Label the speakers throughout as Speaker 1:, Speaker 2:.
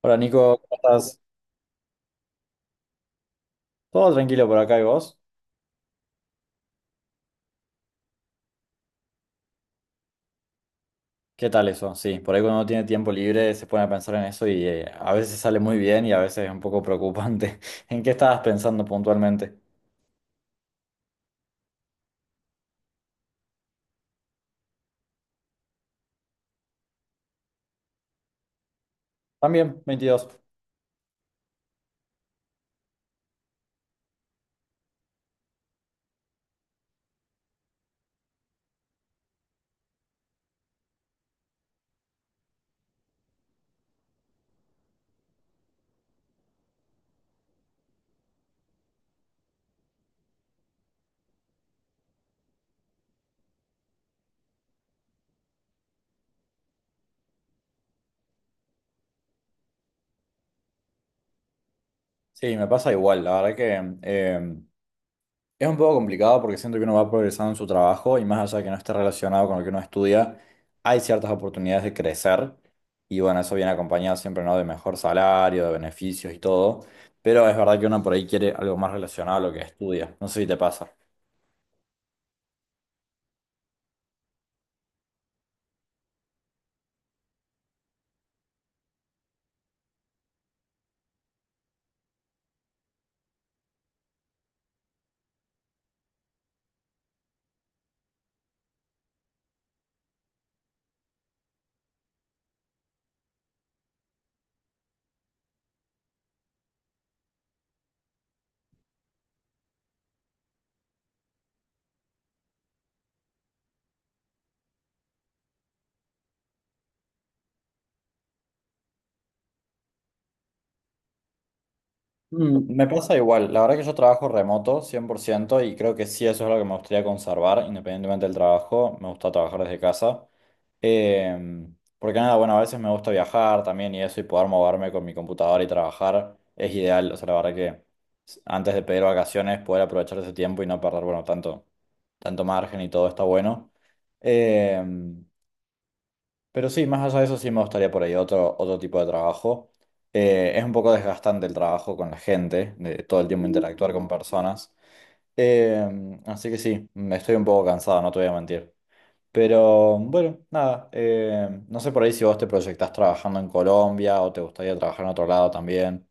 Speaker 1: Hola Nico, ¿cómo estás? Todo tranquilo por acá y vos. ¿Qué tal eso? Sí, por ahí cuando uno tiene tiempo libre se pone a pensar en eso y a veces sale muy bien y a veces es un poco preocupante. ¿En qué estabas pensando puntualmente? También, 22. Sí, me pasa igual. La verdad que es un poco complicado porque siento que uno va progresando en su trabajo y más allá de que no esté relacionado con lo que uno estudia, hay ciertas oportunidades de crecer y bueno, eso viene acompañado siempre, ¿no? De mejor salario, de beneficios y todo, pero es verdad que uno por ahí quiere algo más relacionado a lo que estudia, no sé si te pasa. Mm, me pasa igual, la verdad que yo trabajo remoto 100% y creo que sí, eso es lo que me gustaría conservar, independientemente del trabajo, me gusta trabajar desde casa. Porque nada, bueno, a veces me gusta viajar también y eso y poder moverme con mi computadora y trabajar es ideal, o sea, la verdad que antes de pedir vacaciones poder aprovechar ese tiempo y no perder, bueno, tanto margen y todo está bueno. Em, pero sí, más allá de eso sí me gustaría por ahí otro tipo de trabajo. Es un poco desgastante el trabajo con la gente, de todo el tiempo interactuar con personas. Eh, Así que sí, me estoy un poco cansado, no te voy a mentir. Pero bueno, nada, no sé por ahí si vos te proyectás trabajando en Colombia o te gustaría trabajar en otro lado también.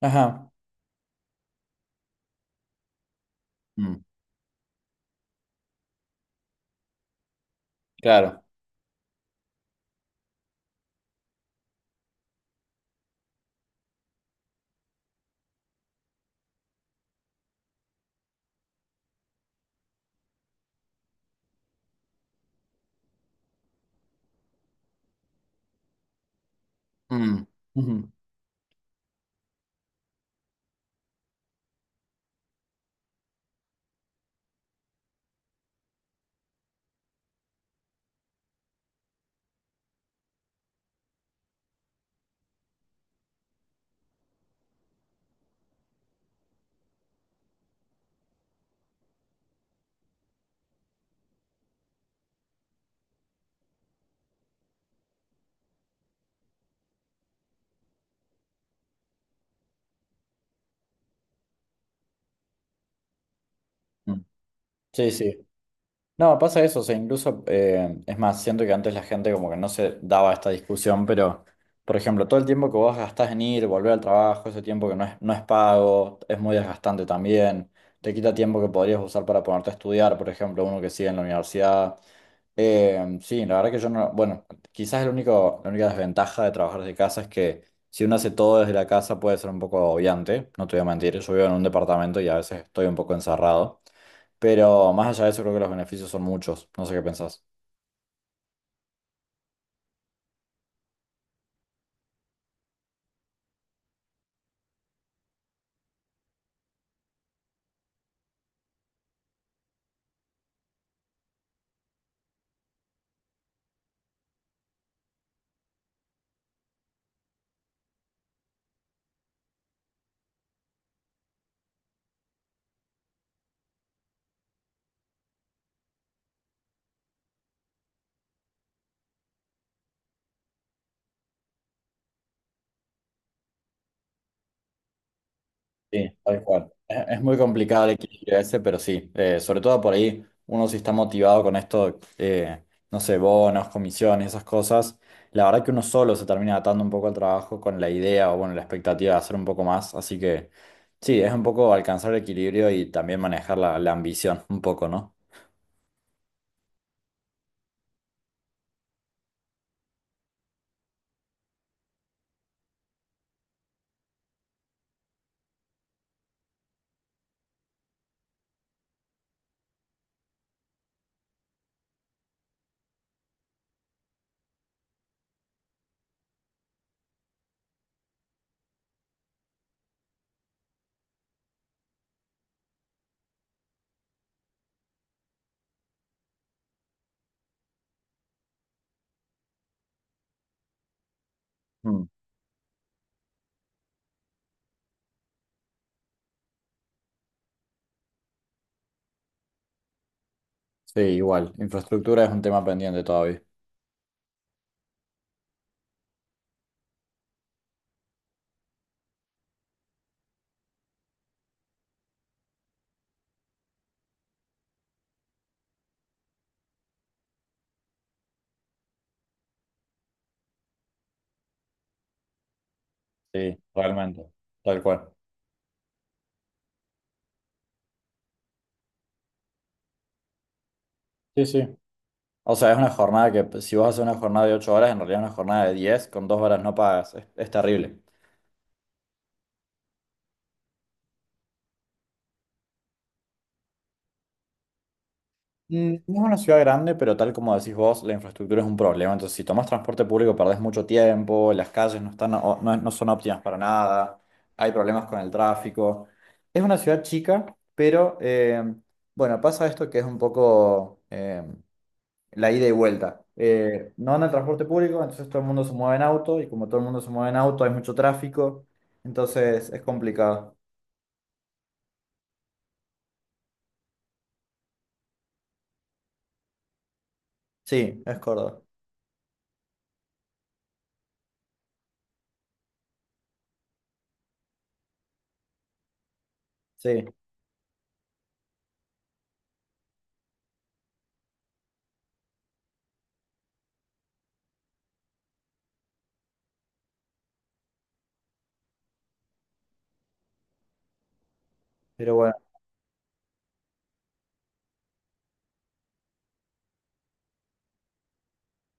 Speaker 1: Ajá, mm, claro. Mm, ujú, mm. Sí, sí. No, pasa eso, o sea, incluso, es más, siento que antes la gente como que no se daba esta discusión, pero, por ejemplo, todo el tiempo que vos gastás en ir, volver al trabajo, ese tiempo que no es pago, es muy desgastante también, te quita tiempo que podrías usar para ponerte a estudiar, por ejemplo, uno que sigue en la universidad. Sí, la verdad que yo no, bueno, quizás la única desventaja de trabajar desde casa es que si uno hace todo desde la casa puede ser un poco agobiante, no te voy a mentir, yo vivo en un departamento y a veces estoy un poco encerrado. Pero más allá de eso, creo que los beneficios son muchos. No sé qué pensás. Sí, tal cual. Es muy complicado el equilibrio ese, pero sí. Sobre todo por ahí, uno si está motivado con esto, no sé, bonos, comisiones, esas cosas. La verdad que uno solo se termina atando un poco al trabajo con la idea o, bueno, la expectativa de hacer un poco más. Así que sí, es un poco alcanzar el equilibrio y también manejar la ambición un poco, ¿no? Mm. Sí, igual. Infraestructura es un tema pendiente todavía. Sí, realmente. Tal cual. Sí, sí. O sea, es una jornada que pues, si vos haces una jornada de 8 horas, en realidad es una jornada de 10 con 2 horas no pagas. Es terrible. Mm, no es una ciudad grande, pero tal como decís vos, la infraestructura es un problema. Entonces, si tomás transporte público, perdés mucho tiempo, las calles no están, no son óptimas para nada, hay problemas con el tráfico. Es una ciudad chica, pero bueno, pasa esto que es un poco... la ida y vuelta. No anda el transporte público, entonces todo el mundo se mueve en auto y como todo el mundo se mueve en auto hay mucho tráfico, entonces es complicado. Sí, es Córdoba. Sí, pero bueno,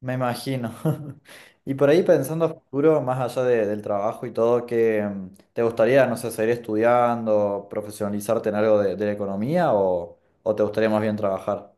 Speaker 1: me imagino. Y por ahí pensando a futuro, más allá del trabajo y todo, ¿qué te gustaría, no sé, seguir estudiando, profesionalizarte en algo de la economía o te gustaría más bien trabajar?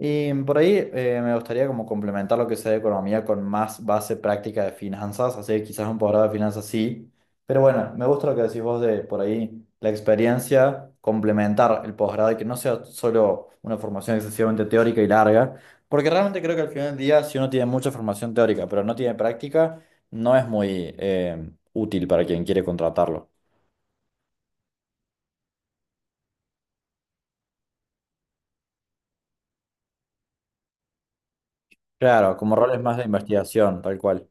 Speaker 1: Y por ahí me gustaría como complementar lo que sea de economía con más base práctica de finanzas, así que quizás un posgrado de finanzas sí, pero bueno, me gusta lo que decís vos de por ahí la experiencia, complementar el posgrado y que no sea solo una formación excesivamente teórica y larga, porque realmente creo que al final del día si uno tiene mucha formación teórica pero no tiene práctica, no es muy útil para quien quiere contratarlo. Claro, como roles más de investigación,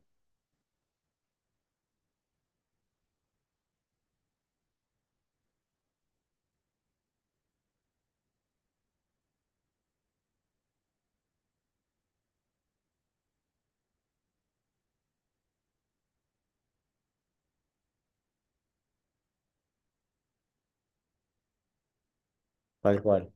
Speaker 1: tal cual.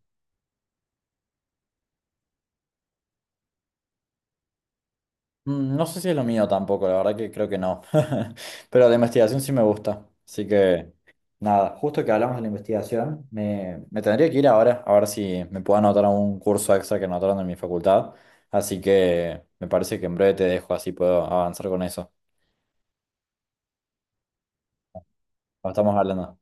Speaker 1: Mm, no sé si es lo mío tampoco, la verdad que creo que no. Pero la investigación sí me gusta. Así que, nada, justo que hablamos de la investigación, me tendría que ir ahora, a ver si me puedo anotar a un curso extra que anotaron en mi facultad. Así que me parece que en breve te dejo, así puedo avanzar con eso. Nos estamos hablando.